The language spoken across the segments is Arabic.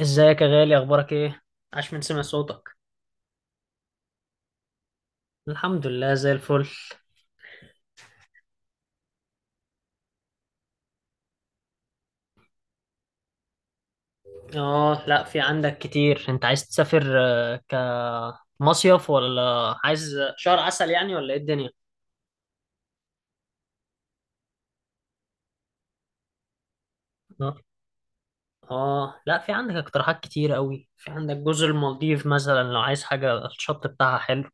ازيك يا غالي؟ اخبارك ايه؟ عاش من سمع صوتك. الحمد لله، زي الفل. اه، لا، في عندك كتير. انت عايز تسافر؟ كمصيف ولا عايز شهر عسل، يعني، ولا ايه الدنيا؟ اه. لا، في عندك اقتراحات كتير قوي. في عندك جزر المالديف مثلا، لو عايز حاجة، الشط بتاعها حلو.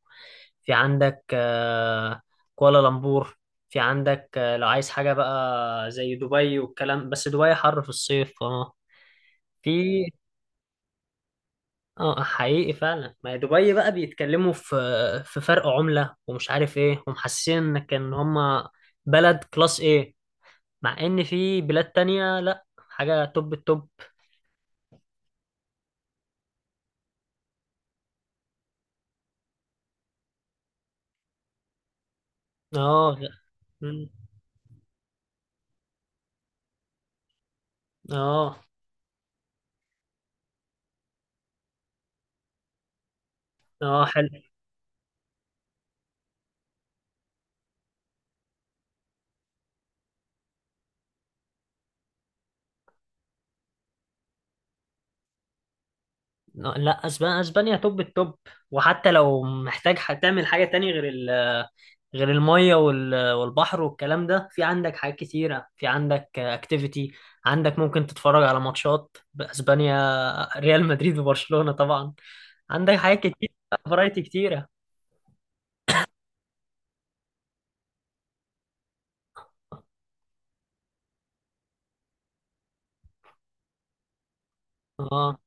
في عندك كوالالمبور. في عندك لو عايز حاجة بقى زي دبي والكلام، بس دبي حر في الصيف اه في. اه حقيقي فعلا. ما هي دبي بقى بيتكلموا في فرق عملة، ومش عارف ايه، ومحسين انك، ان هما بلد كلاس ايه. مع ان في بلاد تانية، لا حاجة، توب التوب. اه، لا. مم. اه. اه، حلو. لا، اسبانيا اسبانيا توب التوب. وحتى لو محتاج تعمل حاجه تانية غير ال غير الميه والبحر والكلام ده. في عندك حاجات كتيره، في عندك اكتيفيتي. عندك ممكن تتفرج على ماتشات باسبانيا، ريال مدريد وبرشلونه طبعا. عندك حاجات كتير، فرايتي كتيره. اه.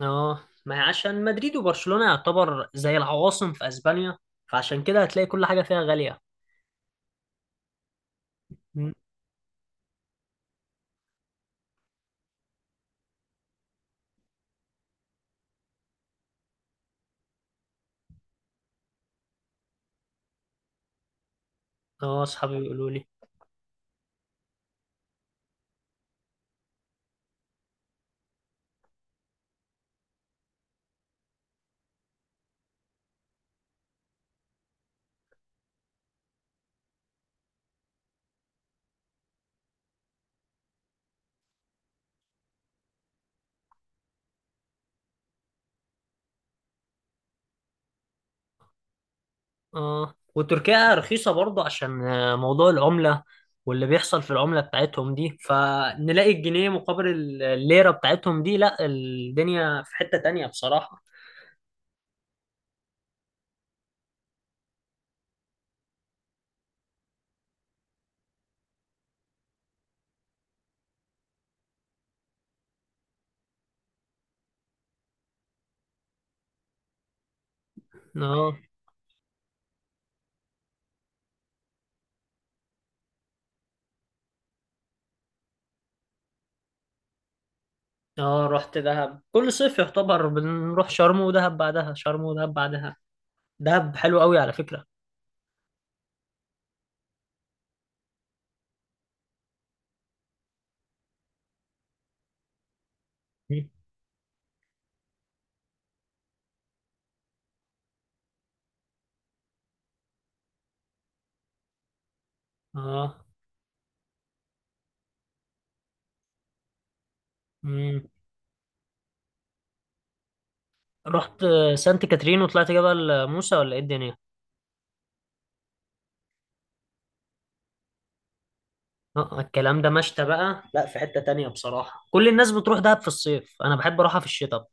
اه، ما هي عشان مدريد وبرشلونه يعتبر زي العواصم في اسبانيا، فعشان كده هتلاقي كل حاجه فيها غاليه. م. اه، اصحابي بيقولوا لي. اه، وتركيا رخيصة برضه عشان موضوع العملة، واللي بيحصل في العملة بتاعتهم دي، فنلاقي الجنيه مقابل الليرة بتاعتهم دي، لا الدنيا في حتة تانية بصراحة. اه. اه، رحت دهب كل صيف. يعتبر بنروح شرم ودهب، بعدها شرم ودهب، بعدها دهب. حلو قوي على فكرة. مم. اه. مم. رحت سانت كاترين وطلعت جبل موسى، ولا ايه الدنيا؟ اه، الكلام ده مشتى بقى، لا في حتة تانية بصراحة. كل الناس بتروح دهب في الصيف، انا بحب اروحها في الشتاء.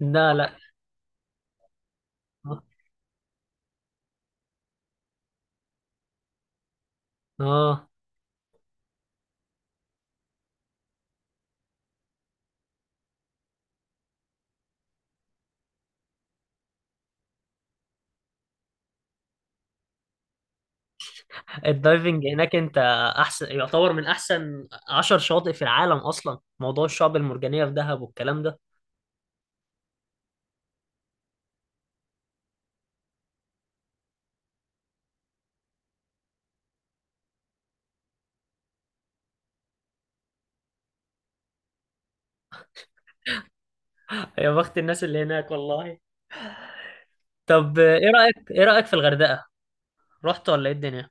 لا، لا. اه، الدايفنج هناك انت احسن. يعتبر من احسن 10 شواطئ في العالم. اصلا موضوع الشعب المرجانية في دهب والكلام ده. يا بخت الناس اللي هناك، والله. طب، ايه رأيك في الغردقة؟ رحت ولا ايه الدنيا؟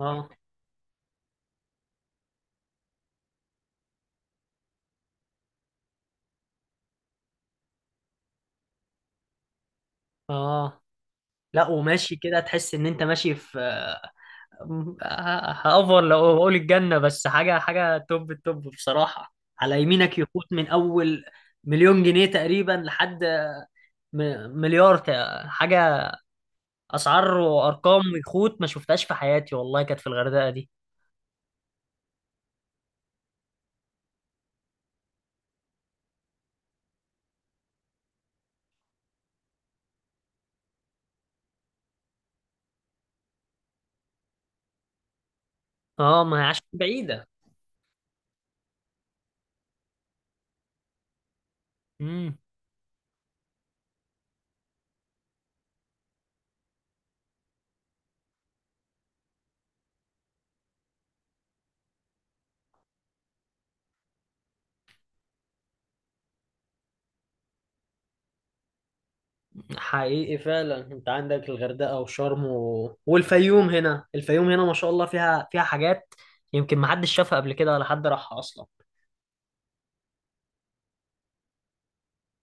اه. اه، لا، وماشي كده تحس ان انت ماشي في، هأفور لو بقول الجنة، بس حاجة حاجة توب التوب بصراحة. على يمينك يخوت من اول مليون جنيه تقريبا لحد مليار، حاجة. اسعار وارقام ويخوت ما شفتهاش في حياتي، والله، كانت في الغردقه دي. اه، ما هي عشان بعيده. امم. حقيقي فعلا. انت عندك الغردقه وشرم والفيوم هنا. الفيوم هنا ما شاء الله، فيها حاجات يمكن ما حدش شافها قبل كده، ولا حد راحها اصلا.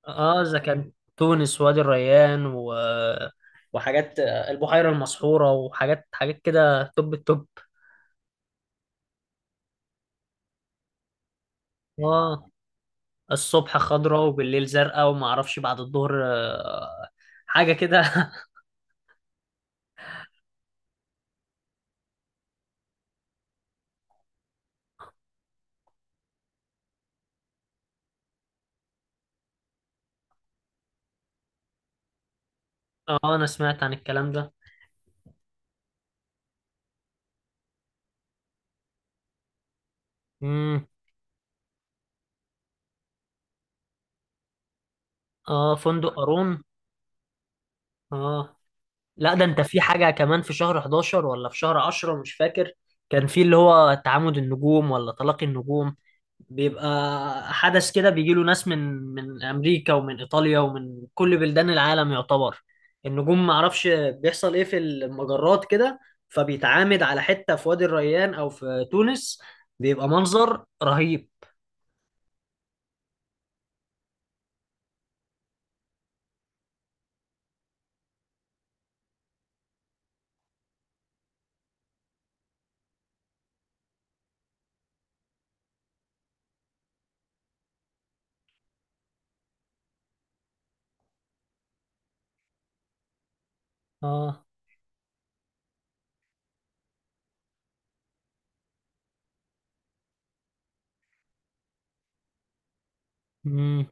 اه، اذا كان تونس، وادي الريان، وحاجات البحيره المسحوره، وحاجات كده، توب التوب. اه، الصبح خضراء وبالليل زرقاء، وما اعرفش بعد الظهر حاجه كده. اه، انا سمعت عن الكلام ده. امم. اه، فندق قارون. اه، لا، ده انت في حاجة كمان في شهر 11 ولا في شهر 10، مش فاكر. كان في اللي هو تعامد النجوم، ولا تلاقي النجوم. بيبقى حدث كده. بيجي له ناس من امريكا ومن ايطاليا ومن كل بلدان العالم يعتبر. النجوم ما اعرفش بيحصل ايه في المجرات كده. فبيتعامد على حتة في وادي الريان او في تونس. بيبقى منظر رهيب. اه. امم.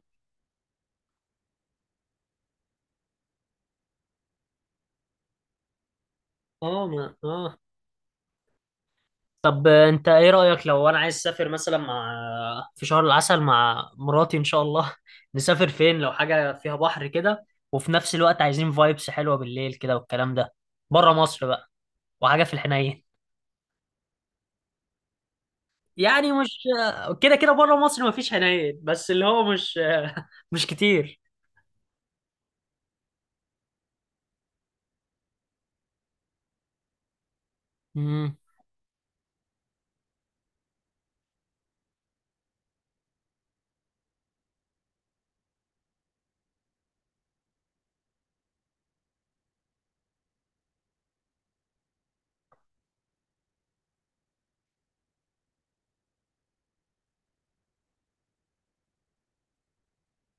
اه. طب، انت ايه رأيك لو انا عايز اسافر مثلا في شهر العسل مع مراتي ان شاء الله، نسافر فين لو حاجة فيها بحر كده، وفي نفس الوقت عايزين فايبس حلوة بالليل كده والكلام ده، بره مصر بقى، وحاجة في الحنين. يعني مش كده كده بره مصر مفيش حنين، بس اللي هو مش مش كتير. امم.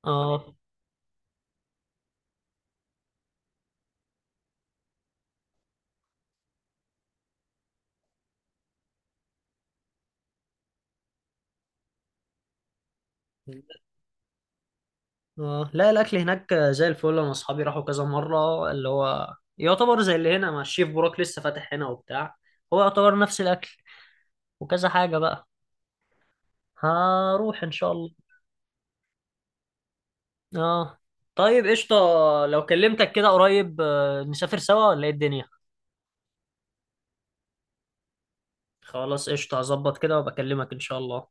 اه، اه، لا، الاكل هناك زي الفل. انا اصحابي راحوا كذا مرة، اللي هو يعتبر زي اللي هنا مع الشيف بوراك، لسه فاتح هنا وبتاع. هو يعتبر نفس الاكل وكذا حاجة بقى. هروح إن شاء الله. آه. طيب، قشطة. لو كلمتك كده قريب، نسافر سوا، ولا إيه الدنيا؟ خلاص، قشطة. هظبط كده وبكلمك إن شاء الله.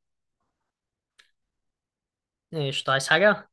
قشطة. عايز حاجة؟